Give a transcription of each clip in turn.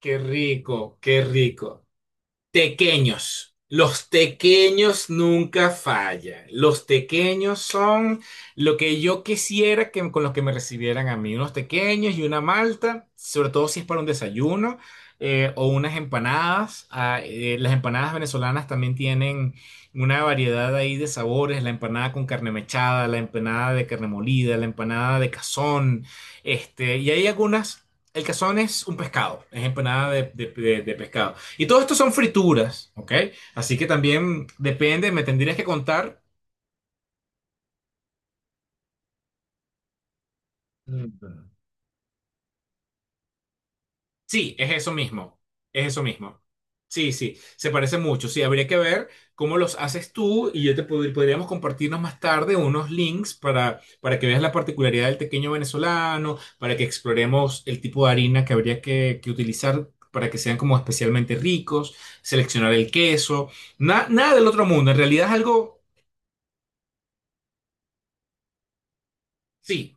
Qué rico, qué rico. Tequeños. Los tequeños nunca fallan. Los tequeños son lo que yo quisiera que con los que me recibieran a mí. Unos tequeños y una malta, sobre todo si es para un desayuno o unas empanadas. Ah, las empanadas venezolanas también tienen una variedad ahí de sabores. La empanada con carne mechada, la empanada de carne molida, la empanada de cazón. Este, y hay algunas. El cazón es un pescado, es empanada de pescado. Y todo esto son frituras, ¿ok? Así que también depende, me tendrías que contar. Mm. Sí, es eso mismo, es eso mismo. Sí, sí, se parece mucho. Sí, habría que ver cómo los haces tú y yo podríamos compartirnos más tarde unos links para que veas la particularidad del pequeño venezolano, para que exploremos el tipo de harina que que utilizar para que sean como especialmente ricos, seleccionar el queso. Nada del otro mundo. En realidad es algo, sí.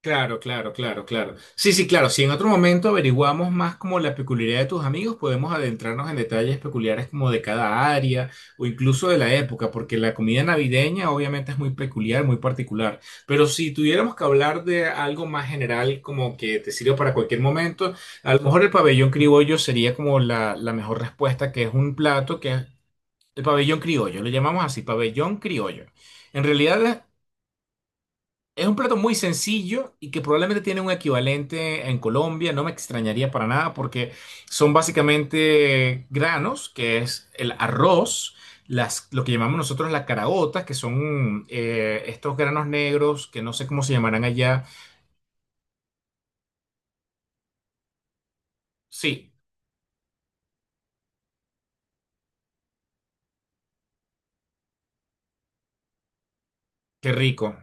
Claro, claro, claro, claro. Sí, sí, claro. Si en otro momento averiguamos más como la peculiaridad de tus amigos, podemos adentrarnos en detalles peculiares como de cada área o incluso de la época, porque la comida navideña obviamente es muy peculiar, muy particular. Pero si tuviéramos que hablar de algo más general, como que te sirve para cualquier momento, a lo mejor el pabellón criollo sería como la mejor respuesta, que es un plato que es el pabellón criollo. Lo llamamos así, pabellón criollo. En realidad... Es un plato muy sencillo y que probablemente tiene un equivalente en Colombia, no me extrañaría para nada porque son básicamente granos, que es el arroz, lo que llamamos nosotros las caraotas, que son estos granos negros que no sé cómo se llamarán allá. Sí, qué rico.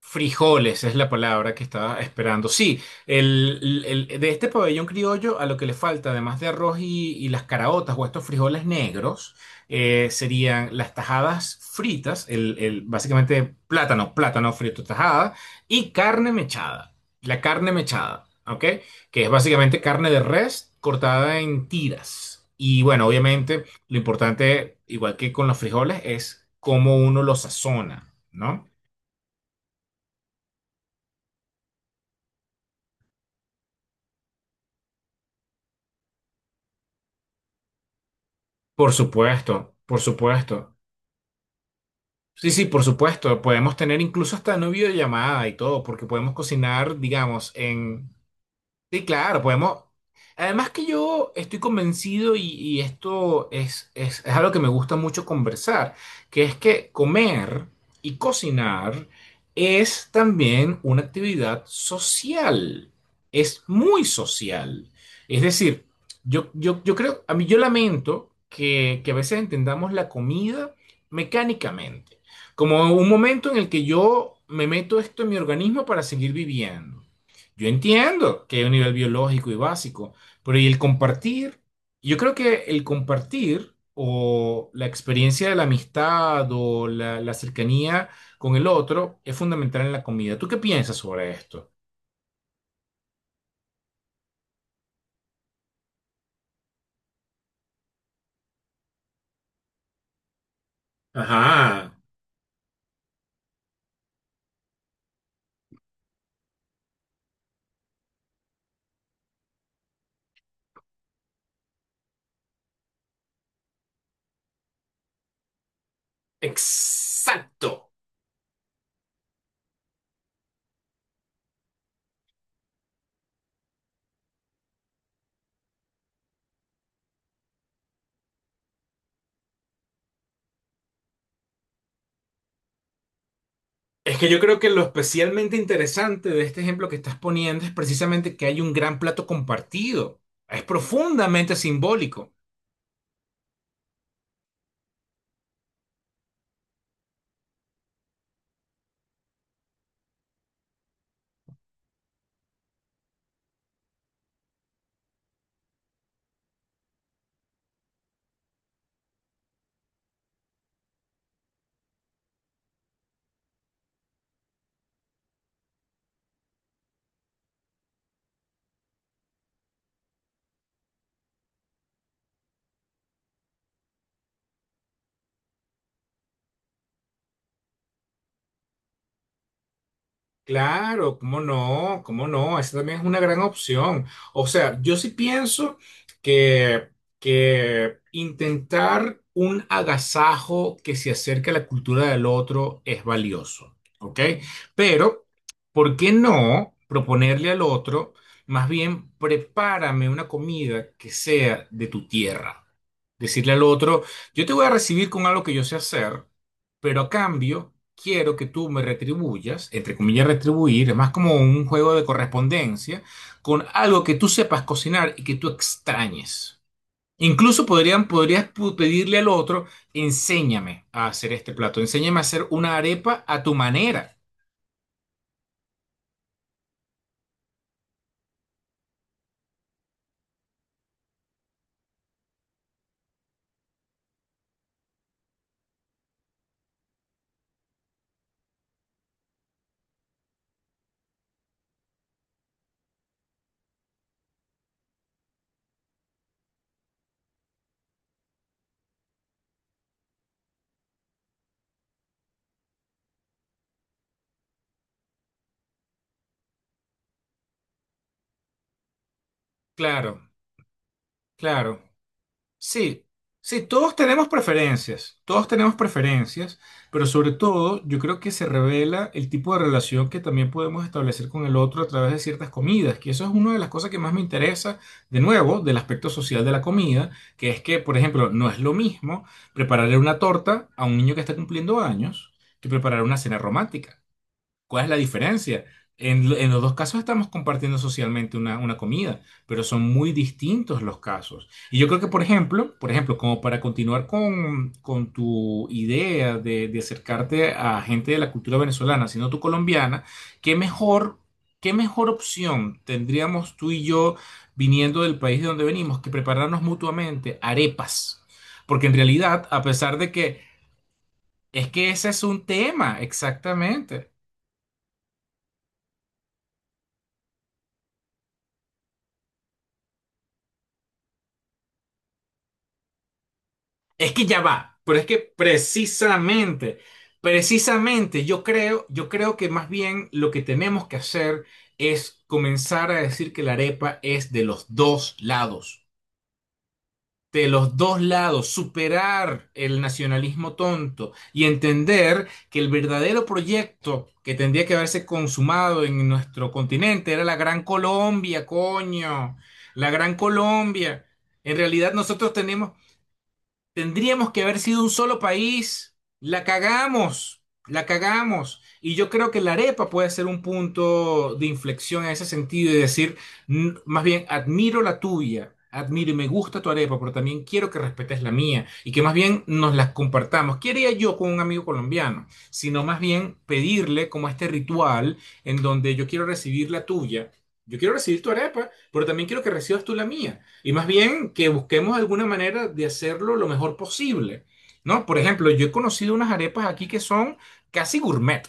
Frijoles es la palabra que estaba esperando. Sí, de este pabellón criollo a lo que le falta, además de arroz y las caraotas o estos frijoles negros, serían las tajadas fritas, básicamente plátano, plátano frito tajada y carne mechada. La carne mechada, ¿ok? Que es básicamente carne de res cortada en tiras. Y bueno, obviamente lo importante, igual que con los frijoles, es cómo uno los sazona, ¿no? Por supuesto, por supuesto. Sí, sí, por supuesto. Podemos tener incluso hasta una videollamada y todo, porque podemos cocinar, digamos, en, sí, claro, podemos. Además que yo estoy convencido y esto es algo que me gusta mucho conversar, que es que comer y cocinar es también una actividad social, es muy social. Es decir, yo creo, a mí yo lamento que a veces entendamos la comida mecánicamente, como un momento en el que yo me meto esto en mi organismo para seguir viviendo. Yo entiendo que hay un nivel biológico y básico, pero y el compartir, yo creo que el compartir o la experiencia de la amistad o la cercanía con el otro es fundamental en la comida. ¿Tú qué piensas sobre esto? Ajá. Exacto. Es que yo creo que lo especialmente interesante de este ejemplo que estás poniendo es precisamente que hay un gran plato compartido. Es profundamente simbólico. Claro, cómo no, esa también es una gran opción. O sea, yo sí pienso que, que intentar un agasajo que se acerque a la cultura del otro es valioso, ¿ok? Pero, ¿por qué no proponerle al otro, más bien, prepárame una comida que sea de tu tierra? Decirle al otro, yo te voy a recibir con algo que yo sé hacer pero a cambio quiero que tú me retribuyas, entre comillas retribuir, es más como un juego de correspondencia, con algo que tú sepas cocinar y que tú extrañes. Incluso podrías pedirle al otro, enséñame a hacer este plato, enséñame a hacer una arepa a tu manera. Claro, claro. Sí, sí, todos tenemos preferencias, pero sobre todo yo creo que se revela el tipo de relación que también podemos establecer con el otro a través de ciertas comidas, que eso es una de las cosas que más me interesa, de nuevo, del aspecto social de la comida, que es que, por ejemplo, no es lo mismo prepararle una torta a un niño que está cumpliendo años que preparar una cena romántica. ¿Cuál es la diferencia? En los dos casos estamos compartiendo socialmente una comida, pero son muy distintos los casos. Y yo creo que, por ejemplo, como para continuar con tu idea de acercarte a gente de la cultura venezolana, sino tu colombiana, ¿qué mejor, qué mejor opción tendríamos tú y yo viniendo del país de donde venimos que prepararnos mutuamente arepas? Porque en realidad, a pesar de que es que ese es un tema, exactamente. Es que ya va, pero es que precisamente, precisamente yo creo que más bien lo que tenemos que hacer es comenzar a decir que la arepa es de los dos lados, de los dos lados, superar el nacionalismo tonto y entender que el verdadero proyecto que tendría que haberse consumado en nuestro continente era la Gran Colombia, coño, la Gran Colombia. En realidad nosotros tenemos tendríamos que haber sido un solo país. La cagamos, la cagamos. Y yo creo que la arepa puede ser un punto de inflexión en ese sentido y decir, más bien, admiro la tuya, admiro y me gusta tu arepa, pero también quiero que respetes la mía y que más bien nos las compartamos. ¿Qué haría yo con un amigo colombiano? Sino más bien pedirle como este ritual en donde yo quiero recibir la tuya. Yo quiero recibir tu arepa, pero también quiero que recibas tú la mía. Y más bien que busquemos alguna manera de hacerlo lo mejor posible, ¿no? Por ejemplo, yo he conocido unas arepas aquí que son casi gourmet.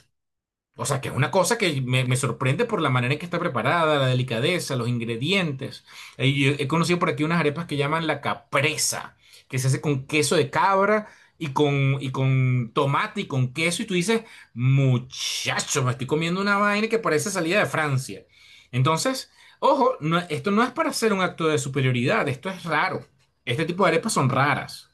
O sea, que es una cosa que me sorprende por la manera en que está preparada, la delicadeza, los ingredientes. Yo he conocido por aquí unas arepas que llaman la capresa, que se hace con queso de cabra y con tomate y con queso. Y tú dices, muchacho, me estoy comiendo una vaina que parece salida de Francia. Entonces, ojo, esto no es para hacer un acto de superioridad, esto es raro. Este tipo de arepas son raras.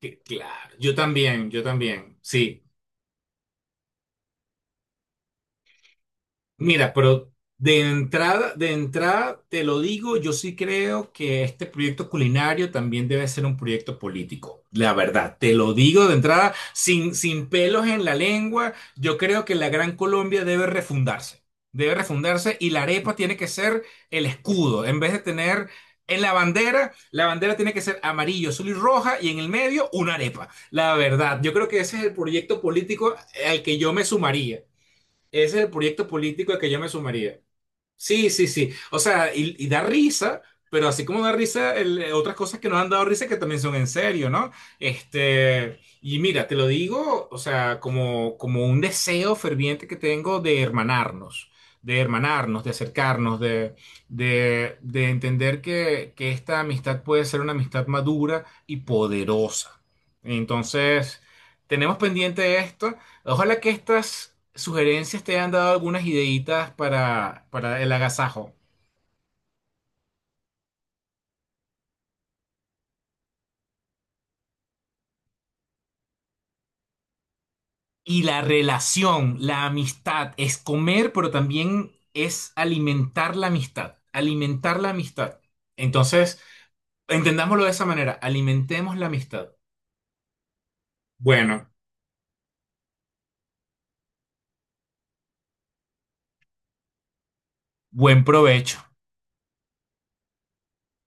Que- Claro, yo también, sí. Mira, pero de entrada te lo digo, yo sí creo que este proyecto culinario también debe ser un proyecto político. La verdad, te lo digo de entrada, sin pelos en la lengua, yo creo que la Gran Colombia debe refundarse. Debe refundarse y la arepa tiene que ser el escudo. En vez de tener en la bandera tiene que ser amarillo, azul y roja y en el medio una arepa. La verdad, yo creo que ese es el proyecto político al que yo me sumaría. Ese es el proyecto político al que yo me sumaría. Sí, sí, sí. O sea, y da risa, pero así como da risa, otras cosas que nos han dado risa que también son en serio, ¿no? Este, y mira, te lo digo, o sea, como un deseo ferviente que tengo de hermanarnos, de hermanarnos, de acercarnos, de entender que esta amistad puede ser una amistad madura y poderosa. Entonces, tenemos pendiente esto. Ojalá que estas sugerencias te hayan dado algunas ideitas para el agasajo. Y la relación, la amistad, es comer, pero también es alimentar la amistad. Alimentar la amistad. Entonces, entendámoslo de esa manera. Alimentemos la amistad. Bueno, buen provecho.